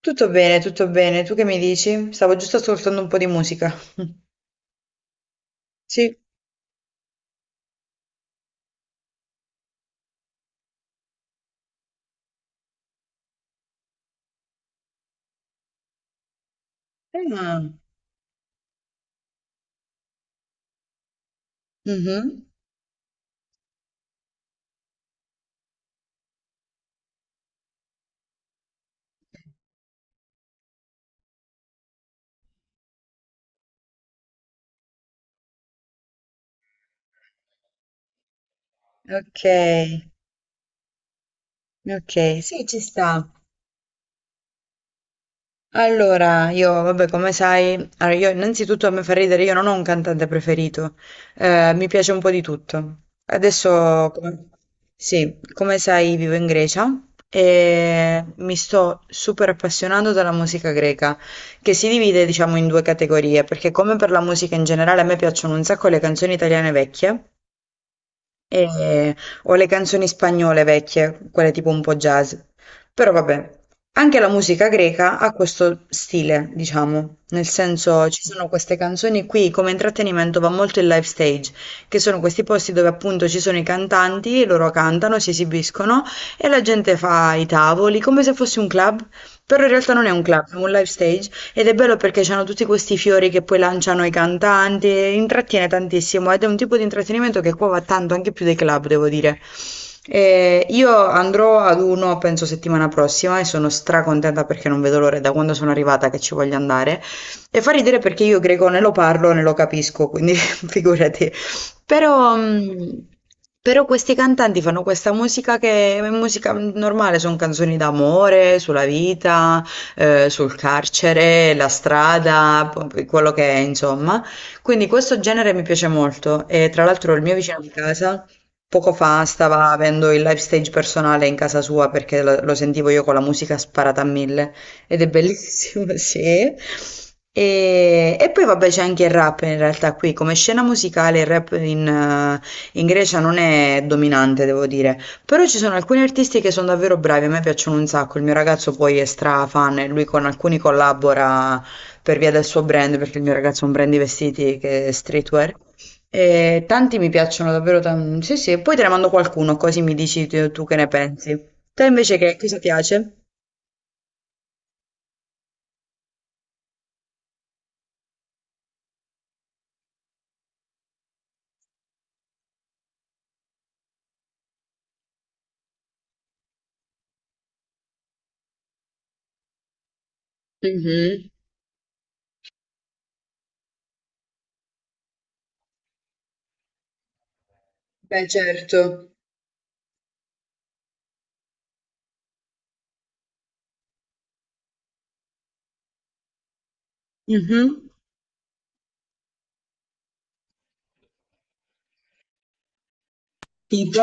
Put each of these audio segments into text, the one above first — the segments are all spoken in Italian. Tutto bene, tutto bene. Tu che mi dici? Stavo giusto ascoltando un po' di musica. Sì. Ah, mhm. Ok, ok, sì, ci sta. Allora, io, vabbè, come sai, allora io innanzitutto a me fa ridere, io non ho un cantante preferito, mi piace un po' di tutto. Adesso, sì, come sai, vivo in Grecia e mi sto super appassionando della musica greca, che si divide, diciamo, in due categorie, perché come per la musica in generale, a me piacciono un sacco le canzoni italiane vecchie, e o le canzoni spagnole vecchie, quelle tipo un po' jazz. Però vabbè, anche la musica greca ha questo stile, diciamo, nel senso ci sono queste canzoni qui, come intrattenimento va molto il live stage, che sono questi posti dove appunto ci sono i cantanti, loro cantano, si esibiscono e la gente fa i tavoli, come se fosse un club, però in realtà non è un club, è un live stage ed è bello perché c'hanno tutti questi fiori che poi lanciano i cantanti, e intrattiene tantissimo ed è un tipo di intrattenimento che qua va tanto, anche più dei club, devo dire. Io andrò ad uno, penso settimana prossima, e sono stracontenta perché non vedo l'ora da quando sono arrivata che ci voglio andare. E fa ridere perché io greco ne lo parlo, ne lo capisco, quindi figurati. Però, mh, però questi cantanti fanno questa musica che è musica normale, sono canzoni d'amore, sulla vita, sul carcere, la strada, quello che è, insomma. Quindi questo genere mi piace molto e tra l'altro il mio vicino di casa poco fa stava avendo il live stage personale in casa sua perché lo sentivo io con la musica sparata a mille ed è bellissimo, sì. E poi vabbè c'è anche il rap in realtà qui, come scena musicale il rap in Grecia non è dominante, devo dire. Però ci sono alcuni artisti che sono davvero bravi, a me piacciono un sacco, il mio ragazzo poi è stra fan e lui con alcuni collabora per via del suo brand, perché il mio ragazzo ha un brand di vestiti che è streetwear. E tanti mi piacciono davvero tanto. Sì, sì, poi te ne mando qualcuno, così mi dici tu che ne pensi. Te invece che cosa piace? Mhm. Beh, certo. Mhm. Tipo?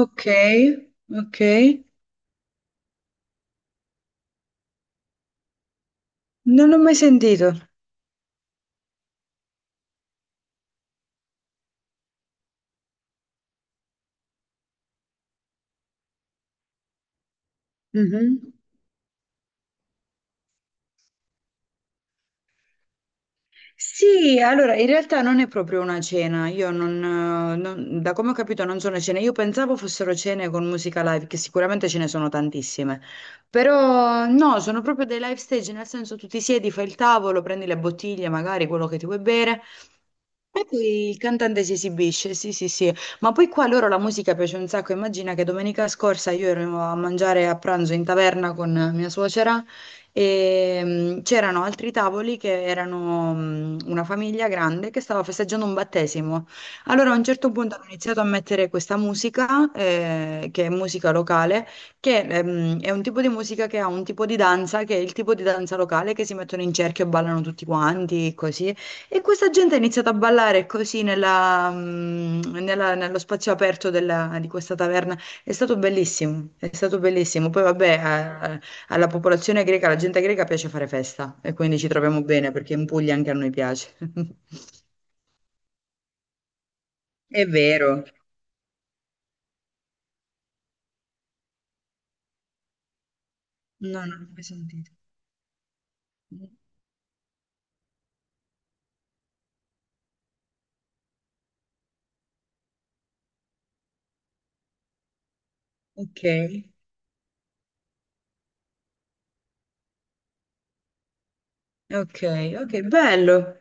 Ok, ok. Non l'ho mai sentito. Mhm. Sì, allora in realtà non è proprio una cena, io non, non- da come ho capito non sono cene, io pensavo fossero cene con musica live, che sicuramente ce ne sono tantissime, però no, sono proprio dei live stage, nel senso tu ti siedi, fai il tavolo, prendi le bottiglie, magari quello che ti vuoi bere, e poi il cantante si esibisce, sì sì sì, ma poi qua loro la musica piace un sacco, immagina che domenica scorsa io ero a mangiare a pranzo in taverna con mia suocera. E c'erano altri tavoli che erano una famiglia grande che stava festeggiando un battesimo. Allora a un certo punto hanno iniziato a mettere questa musica, che è musica locale, che è un tipo di musica che ha un tipo di danza, che è il tipo di danza locale che si mettono in cerchio e ballano tutti quanti, così. E questa gente ha iniziato a ballare così nello spazio aperto di questa taverna. È stato bellissimo, è stato bellissimo. Poi vabbè, alla popolazione greca, alla gente greca piace fare festa e quindi ci troviamo bene perché in Puglia anche a noi piace. È vero. No, non l'ho mai sentito. Ok, ok, ok, bello.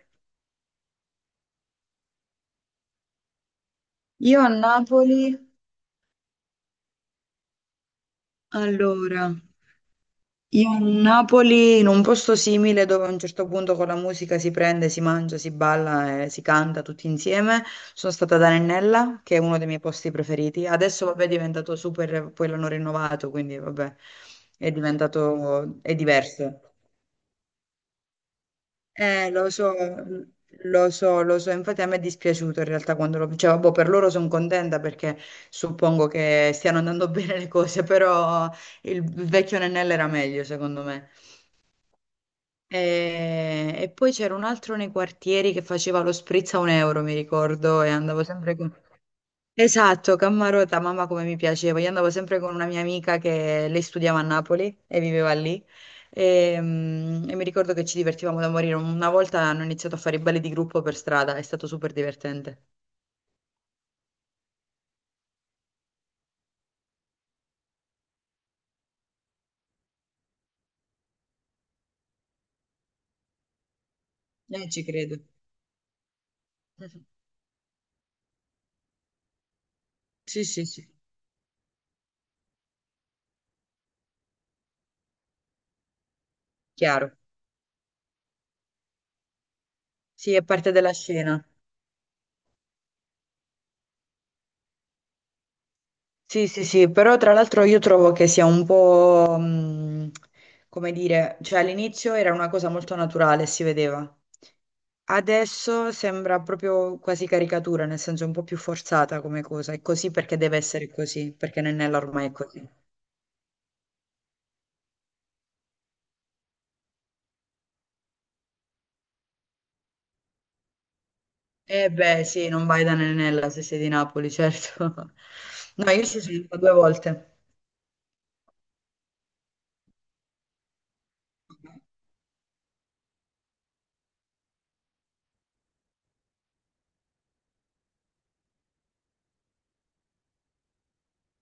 Io a Napoli, allora. Io a Napoli, in un posto simile dove a un certo punto con la musica si prende, si mangia, si balla e si canta tutti insieme, sono stata ad Arenella, che è uno dei miei posti preferiti. Adesso vabbè è diventato super, poi l'hanno rinnovato, quindi vabbè è diventato, è diverso. Lo so, lo so, lo so, infatti a me è dispiaciuto in realtà quando lo... Cioè, boh, per loro sono contenta perché suppongo che stiano andando bene le cose, però il vecchio Nennella era meglio secondo me. E poi c'era un altro nei quartieri che faceva lo spritz a un euro, mi ricordo, e andavo sempre con... Esatto, Cammarota, mamma come mi piaceva. Io andavo sempre con una mia amica che lei studiava a Napoli e viveva lì. E mi ricordo che ci divertivamo da morire. Una volta hanno iniziato a fare i balli di gruppo per strada, è stato super divertente. Ci credo. Sì, sì, sì, chiaro. Sì, è parte della scena. Sì, sì, sì, però tra l'altro io trovo che sia un po', come dire, cioè all'inizio era una cosa molto naturale, si vedeva. Adesso sembra proprio quasi caricatura, nel senso un po' più forzata come cosa. È così perché deve essere così, perché Nennella ormai è così. Eh beh, sì, non vai da Nennella se sei di Napoli, certo. No, io ci sono stata due volte.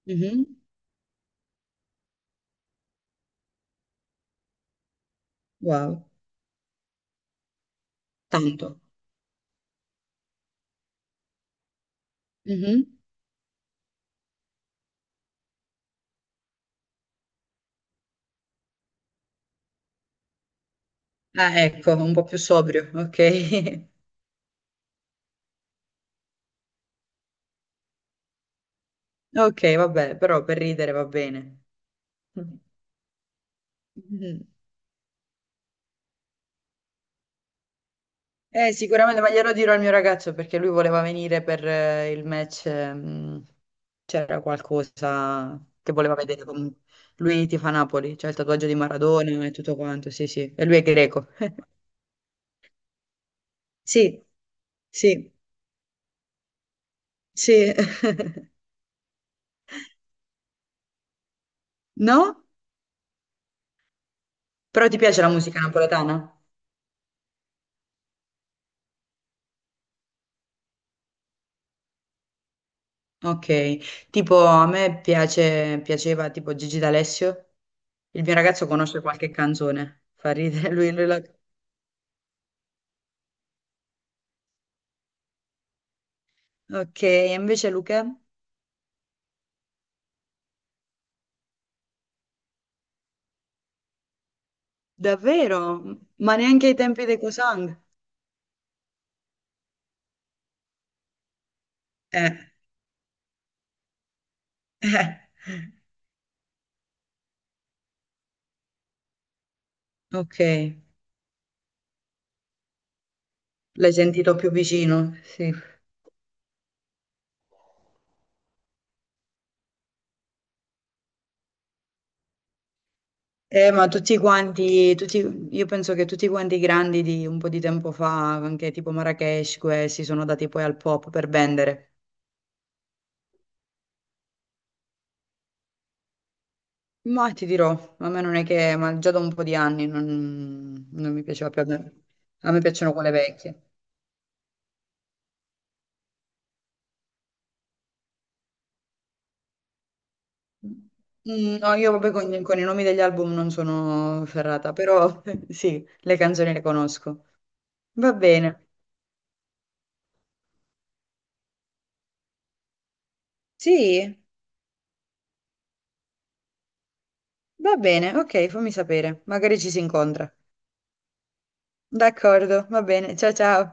Mhm. Wow, tanto. Mhm. Ah, ecco, un po' più sobrio, ok. Ok, vabbè, però per ridere va bene. Mhm. Sicuramente, ma glielo dirò al mio ragazzo perché lui voleva venire per il match, c'era qualcosa che voleva vedere. Lui tifa Napoli, c'è il tatuaggio di Maradona e tutto quanto, sì, sì, e lui è greco. Sì, sì, sì. No? Però ti piace la musica napoletana? Ok, tipo a me piace, piaceva tipo Gigi D'Alessio, il mio ragazzo conosce qualche canzone, fa ridere, lui. Ok, e invece Luca? Davvero? Ma neanche ai tempi dei Cosang? Eh, eh, ok, l'hai sentito più vicino, sì. Ma tutti quanti, io penso che tutti quanti i grandi di un po' di tempo fa, anche tipo Marrakesh, questi sono dati poi al pop per vendere. Ma ti dirò, a me non è che, ma già da un po' di anni non mi piaceva più. A me piacciono quelle vecchie. Mm, no, io proprio con i nomi degli album non sono ferrata, però sì, le canzoni le conosco. Va bene. Sì, va bene, ok, fammi sapere. Magari ci si incontra. D'accordo, va bene. Ciao ciao.